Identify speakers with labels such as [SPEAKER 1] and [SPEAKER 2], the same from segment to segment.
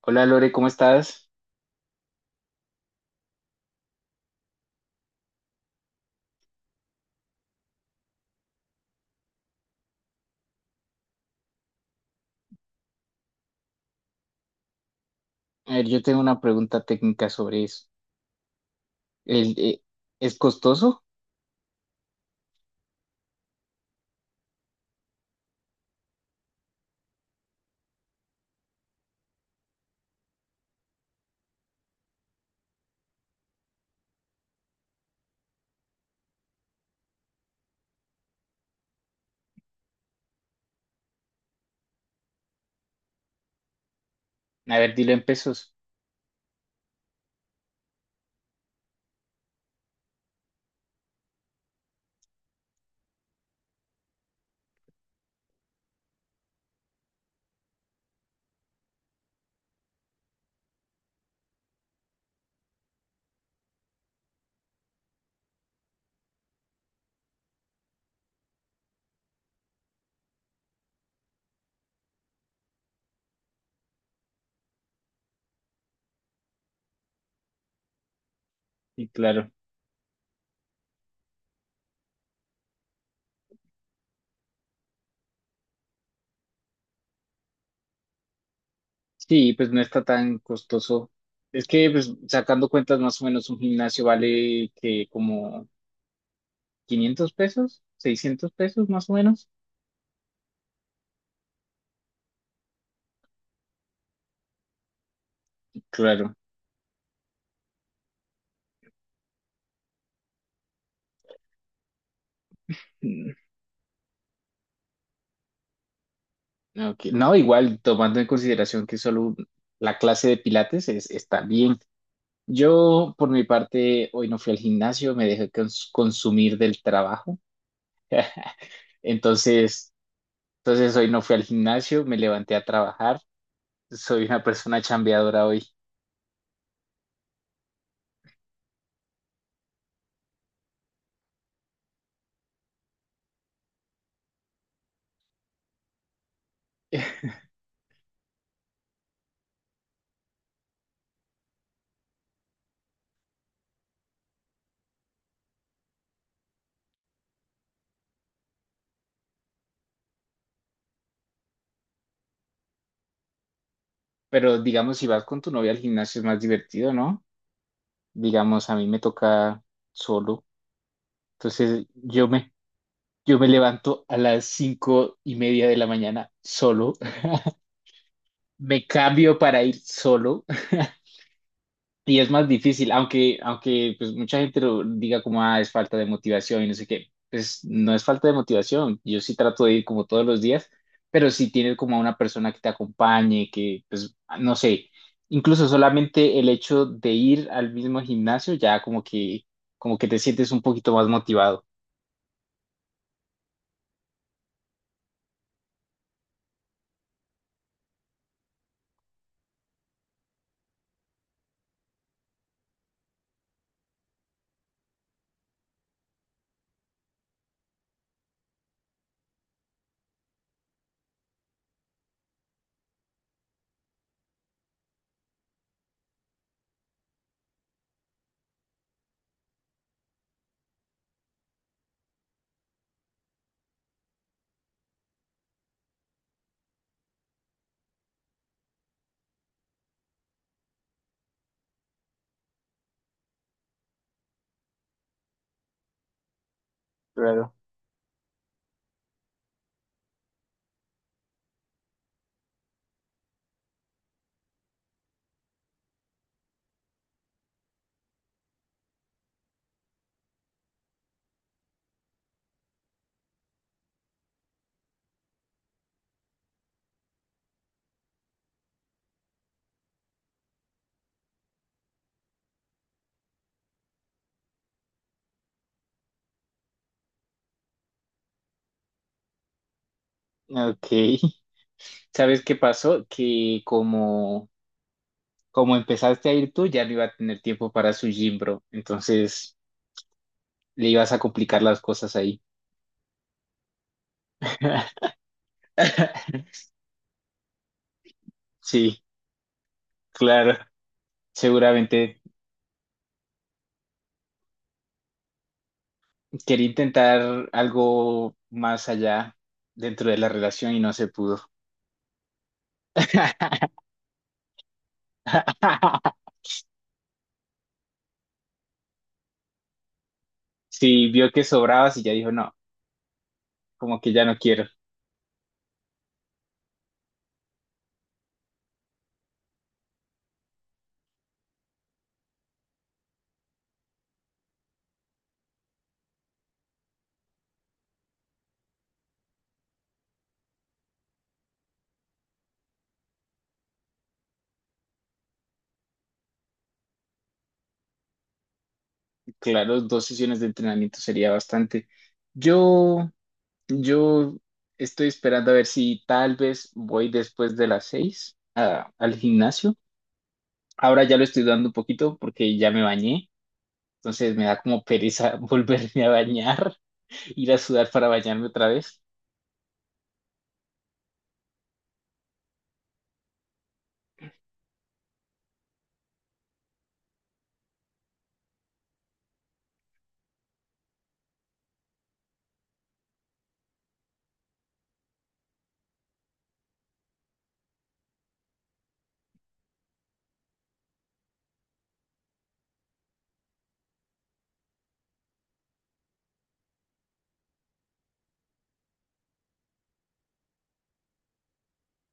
[SPEAKER 1] Hola Lore, ¿cómo estás? A ver, yo tengo una pregunta técnica sobre eso. El, eh, ¿Es costoso? A ver, dilo en pesos. Sí, claro. Sí, pues no está tan costoso. Es que, pues, sacando cuentas, más o menos un gimnasio vale que como 500 pesos, 600 pesos, más o menos. Claro. Mm, ok. No, igual, tomando en consideración que la clase de pilates es, está bien. Yo, por mi parte, hoy no fui al gimnasio, me dejé consumir del trabajo. Entonces, entonces, hoy no fui al gimnasio, me levanté a trabajar. Soy una persona chambeadora hoy. Pero digamos, si vas con tu novia al gimnasio es más divertido, ¿no? Digamos, a mí me toca solo. Entonces yo me levanto a las 5:30 de la mañana solo. Me cambio para ir solo. Y es más difícil, aunque pues mucha gente lo diga como, ah, es falta de motivación y no sé qué. Pues no es falta de motivación. Yo sí trato de ir como todos los días, pero si tienes como a una persona que te acompañe, que pues no sé, incluso solamente el hecho de ir al mismo gimnasio ya como que te sientes un poquito más motivado. Claro. Ok. ¿Sabes qué pasó? Que como, como empezaste a ir tú, ya no iba a tener tiempo para su gym, bro. Entonces... le ibas a complicar las cosas ahí. Sí, claro, seguramente quería intentar algo más allá dentro de la relación y no se pudo. Sí, vio que sobrabas y ya dijo, no, como que ya no quiero. Claro, dos sesiones de entrenamiento sería bastante. Yo, yo estoy esperando a ver si tal vez voy después de las 6 al gimnasio. Ahora ya lo estoy dando un poquito porque ya me bañé. Entonces me da como pereza volverme a bañar, ir a sudar para bañarme otra vez.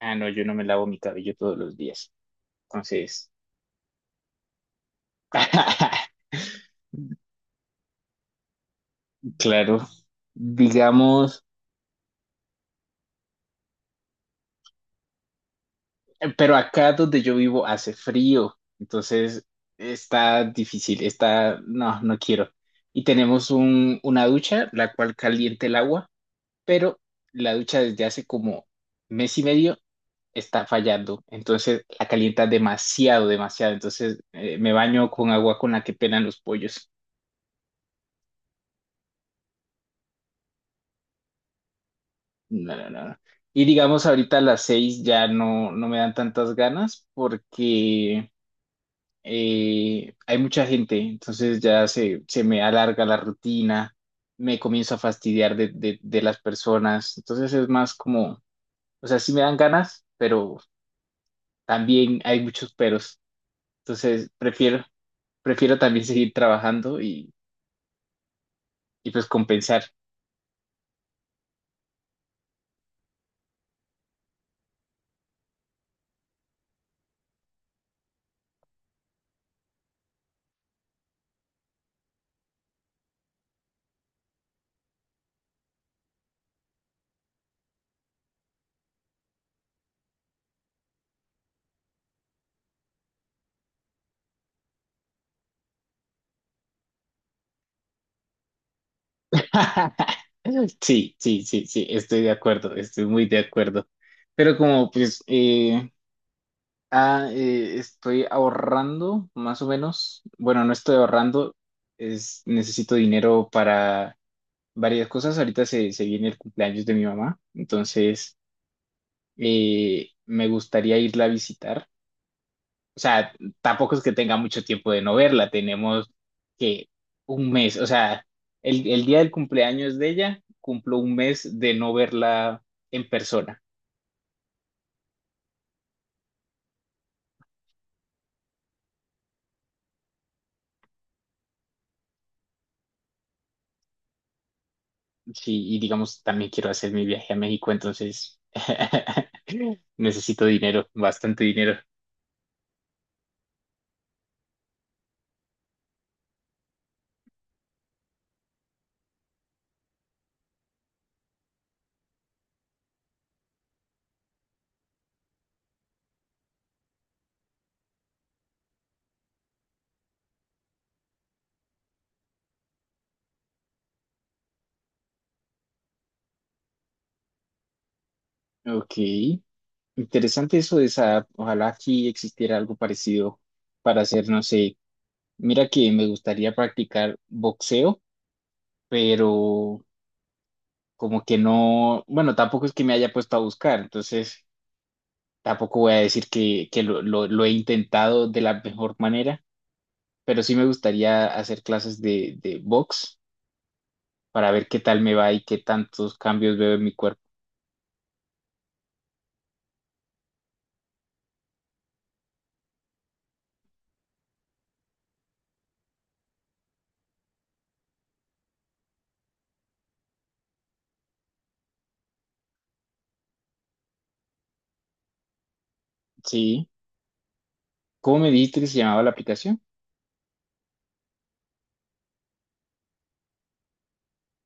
[SPEAKER 1] Ah, no, yo no me lavo mi cabello todos los días. Entonces, claro, digamos, pero acá donde yo vivo hace frío, entonces está difícil, está, no, no quiero. Y tenemos un, una ducha, la cual calienta el agua, pero la ducha desde hace como mes y medio está fallando. Entonces la calienta demasiado, demasiado. Entonces me baño con agua con la que pelan los pollos. No, no, no. No. Y digamos, ahorita a las 6 ya no me dan tantas ganas porque hay mucha gente. Entonces ya se me alarga la rutina, me comienzo a fastidiar de las personas. Entonces es más como, o sea, sí me dan ganas, pero también hay muchos peros. Entonces prefiero también seguir trabajando y pues compensar. Sí, sí, sí, sí, estoy de acuerdo, estoy muy de acuerdo. Pero como pues estoy ahorrando más o menos, bueno, no estoy ahorrando, es, necesito dinero para varias cosas. Ahorita se viene el cumpleaños de mi mamá, entonces me gustaría irla a visitar. O sea, tampoco es que tenga mucho tiempo de no verla, tenemos que un mes, o sea, el día del cumpleaños de ella, cumplo un mes de no verla en persona. Sí, y digamos, también quiero hacer mi viaje a México, entonces necesito dinero, bastante dinero. Ok, interesante eso de esa, ojalá aquí existiera algo parecido para hacer, no sé, mira que me gustaría practicar boxeo, pero... como que no, bueno, tampoco es que me haya puesto a buscar, entonces tampoco voy a decir que, lo he intentado de la mejor manera, pero sí me gustaría hacer clases de box para ver qué tal me va y qué tantos cambios veo en mi cuerpo. Sí. ¿Cómo me dijiste que se llamaba la aplicación?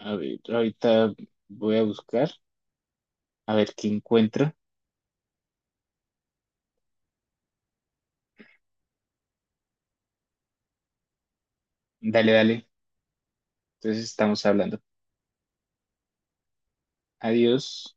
[SPEAKER 1] A ver, ahorita voy a buscar, a ver qué encuentro. Dale, dale. Entonces estamos hablando. Adiós.